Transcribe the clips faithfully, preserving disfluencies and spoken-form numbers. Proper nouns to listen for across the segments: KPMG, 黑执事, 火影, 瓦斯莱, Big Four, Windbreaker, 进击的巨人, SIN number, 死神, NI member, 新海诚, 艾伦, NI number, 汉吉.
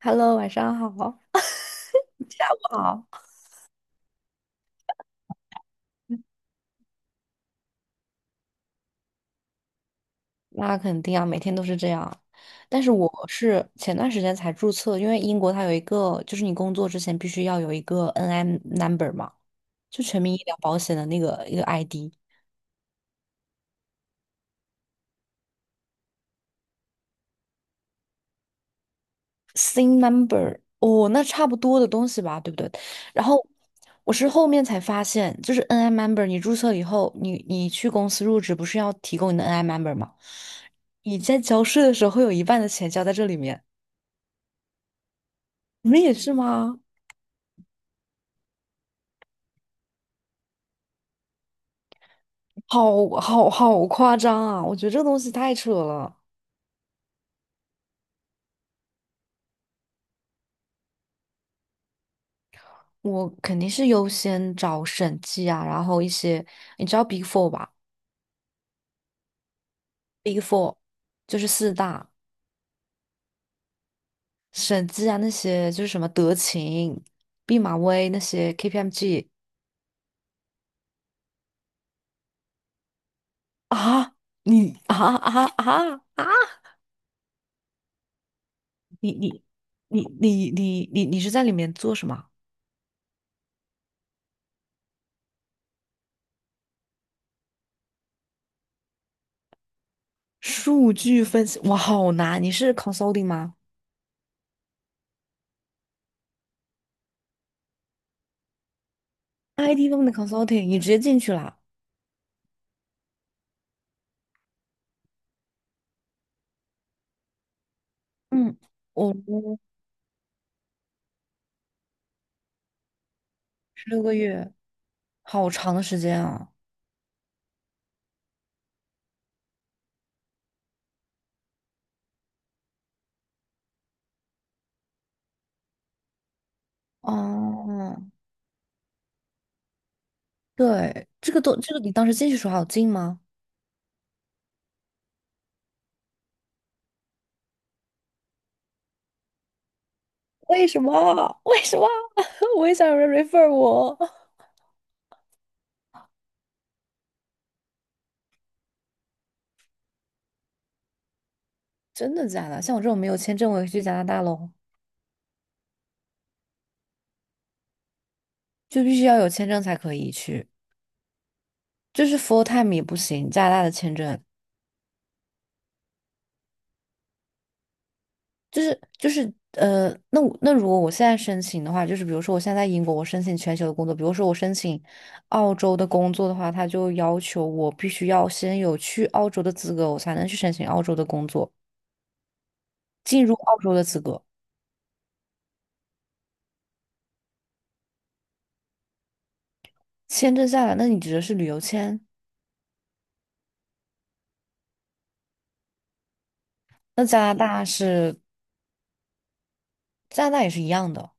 Hello，晚上好。不好，那肯定啊，每天都是这样。但是我是前段时间才注册，因为英国它有一个，就是你工作之前必须要有一个 N I number 嘛，就全民医疗保险的那个一个 I D。S I N number，哦，那差不多的东西吧，对不对？然后我是后面才发现，就是 N I member，你注册以后，你你去公司入职不是要提供你的 N I member 吗？你在交税的时候会有一半的钱交在这里面，你们也是吗？好好好夸张啊！我觉得这个东西太扯了，我肯定是优先找审计啊，然后一些你知道 Big Four 吧？Big Four 就是四大审计啊，那些就是什么德勤、毕马威那些 K P M G 啊，你啊啊啊啊！你你你你你你你是在里面做什么？数据分析，哇，好难！你是 consulting 吗？I T 方面的 consulting，你直接进去了啊。嗯，我六个月，好长的时间啊！哦，对，这个都，这个你当时进去的时候好有进吗？为什么？为什么？我也想有人 refer 我。真的假的？像我这种没有签证，我也去加拿大喽，就必须要有签证才可以去，就是 full time 也不行，加拿大的签证。就是就是呃，那我那如果我现在申请的话，就是比如说我现在在英国，我申请全球的工作，比如说我申请澳洲的工作的话，他就要求我必须要先有去澳洲的资格，我才能去申请澳洲的工作，进入澳洲的资格。签证下来，那你指的是旅游签？那加拿大是加拿大也是一样的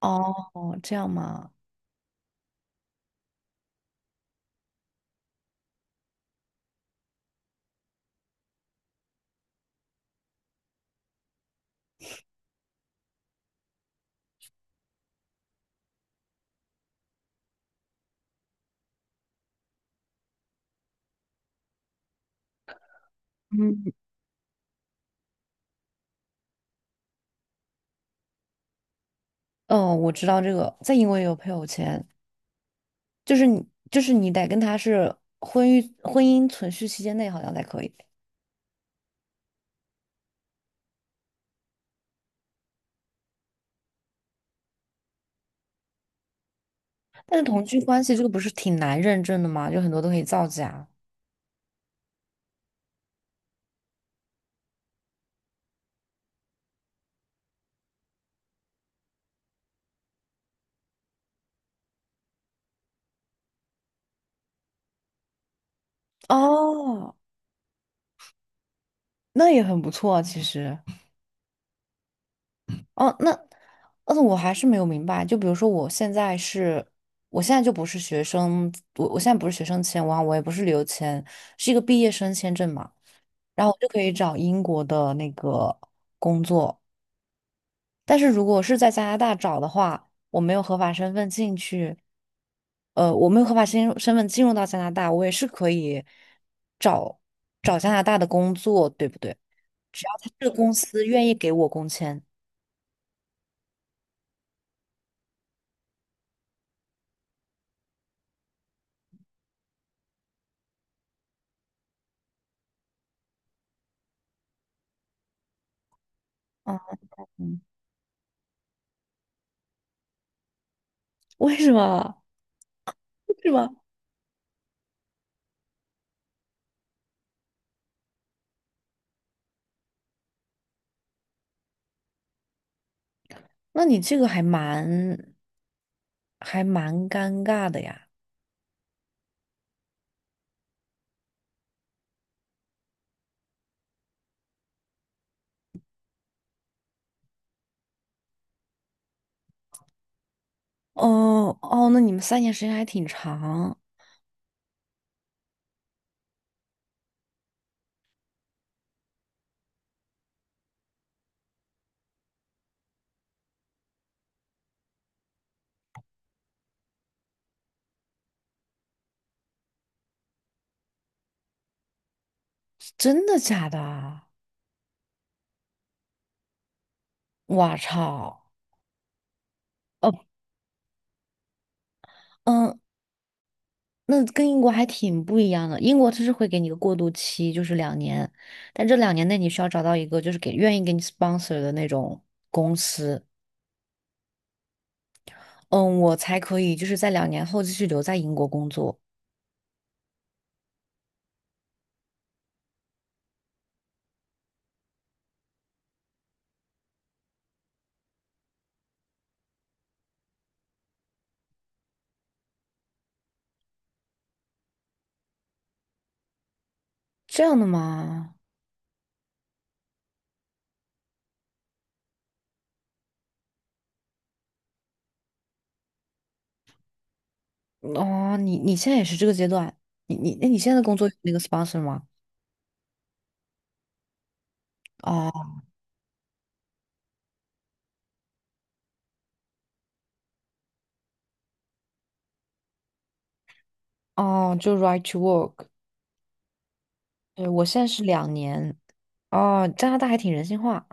哦，这样吗？嗯，我知道这个，在英国也有配偶签，就是你就是你得跟他是婚育婚姻存续期间内好像才可以。但是同居关系这个不是挺难认证的吗？就很多都可以造假。哦，那也很不错啊，其实。哦，那，嗯，我还是没有明白。就比如说，我现在是，我现在就不是学生，我我现在不是学生签，我我也不是旅游签，是一个毕业生签证嘛。然后我就可以找英国的那个工作，但是如果是在加拿大找的话，我没有合法身份进去，呃，我没有合法身身份进入到加拿大，我也是可以找找加拿大的工作，对不对？只要他这个公司愿意给我工签。啊，嗯，为什么？为什么？那你这个还蛮还蛮尴尬的呀。哦哦，那你们三年时间还挺长，真的假的啊？我操！哦，嗯，那跟英国还挺不一样的。英国它是会给你一个过渡期，就是两年，但这两年内你需要找到一个就是给愿意给你 sponsor 的那种公司，嗯，我才可以就是在两年后继续留在英国工作。这样的吗？哦，你你现在也是这个阶段，你你那你现在的工作有那个 sponsor 吗？哦哦，就 right to work。对，我现在是两年。哦，加拿大还挺人性化，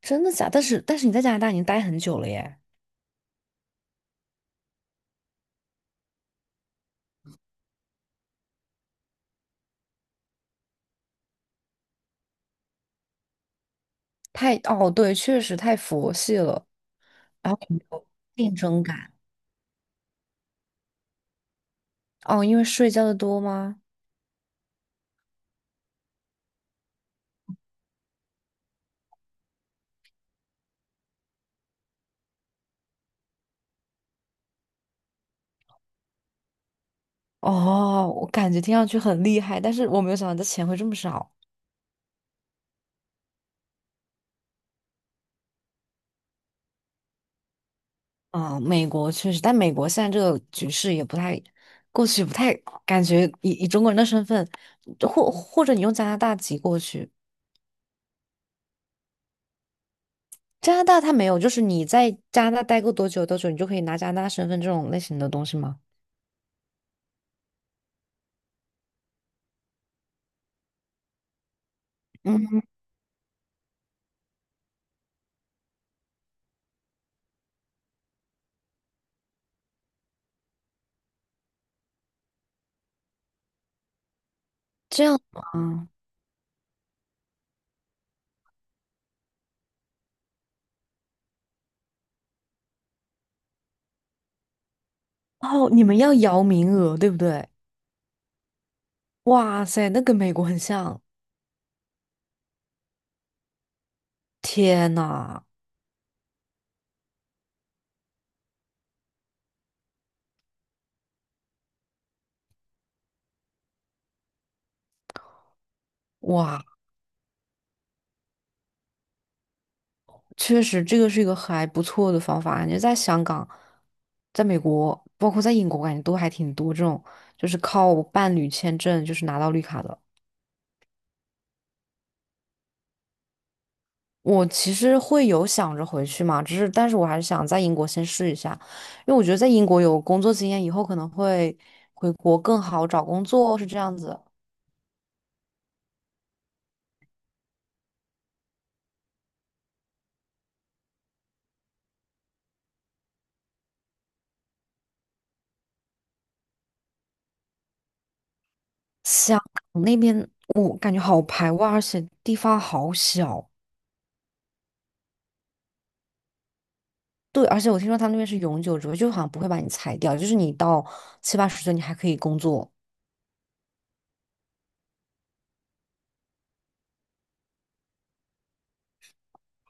真的假但是但是你在加拿大已经待很久了耶，太哦对，确实太佛系了。然后有竞争感哦，因为睡觉的多吗？哦，我感觉听上去很厉害，但是我没有想到这钱会这么少。啊、美国确实，但美国现在这个局势也不太，过去不太感觉以以中国人的身份，或或者你用加拿大籍过去，加拿大它没有，就是你在加拿大待过多久多久，你就可以拿加拿大身份这种类型的东西吗？嗯，这样吗？哦，你们要摇名额，对不对？哇塞，那跟美国很像，天呐！哇，确实，这个是一个还不错的方法。感觉在香港、在美国，包括在英国，感觉都还挺多这种，就是靠伴侣签证就是拿到绿卡的。我其实会有想着回去嘛，只是但是我还是想在英国先试一下，因为我觉得在英国有工作经验，以后可能会回国更好找工作，是这样子。香港那边我感觉好排外，而且地方好小。对，而且我听说他们那边是永久职位，就好像不会把你裁掉，就是你到七八十岁你还可以工作。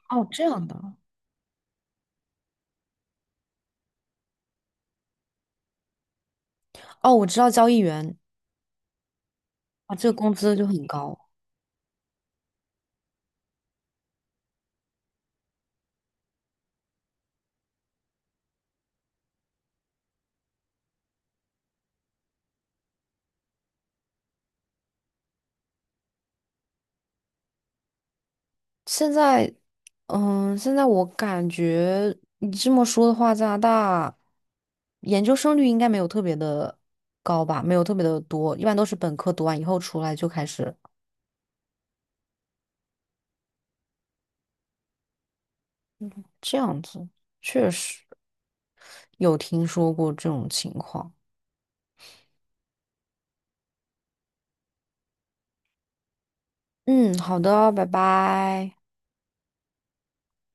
哦，这样的。哦，我知道交易员啊，这个工资就很高。现在，嗯，现在我感觉你这么说的话，加拿大研究生率应该没有特别的高吧，没有特别的多，一般都是本科读完以后出来就开始这样子。确实有听说过这种情况。嗯，好的，拜拜。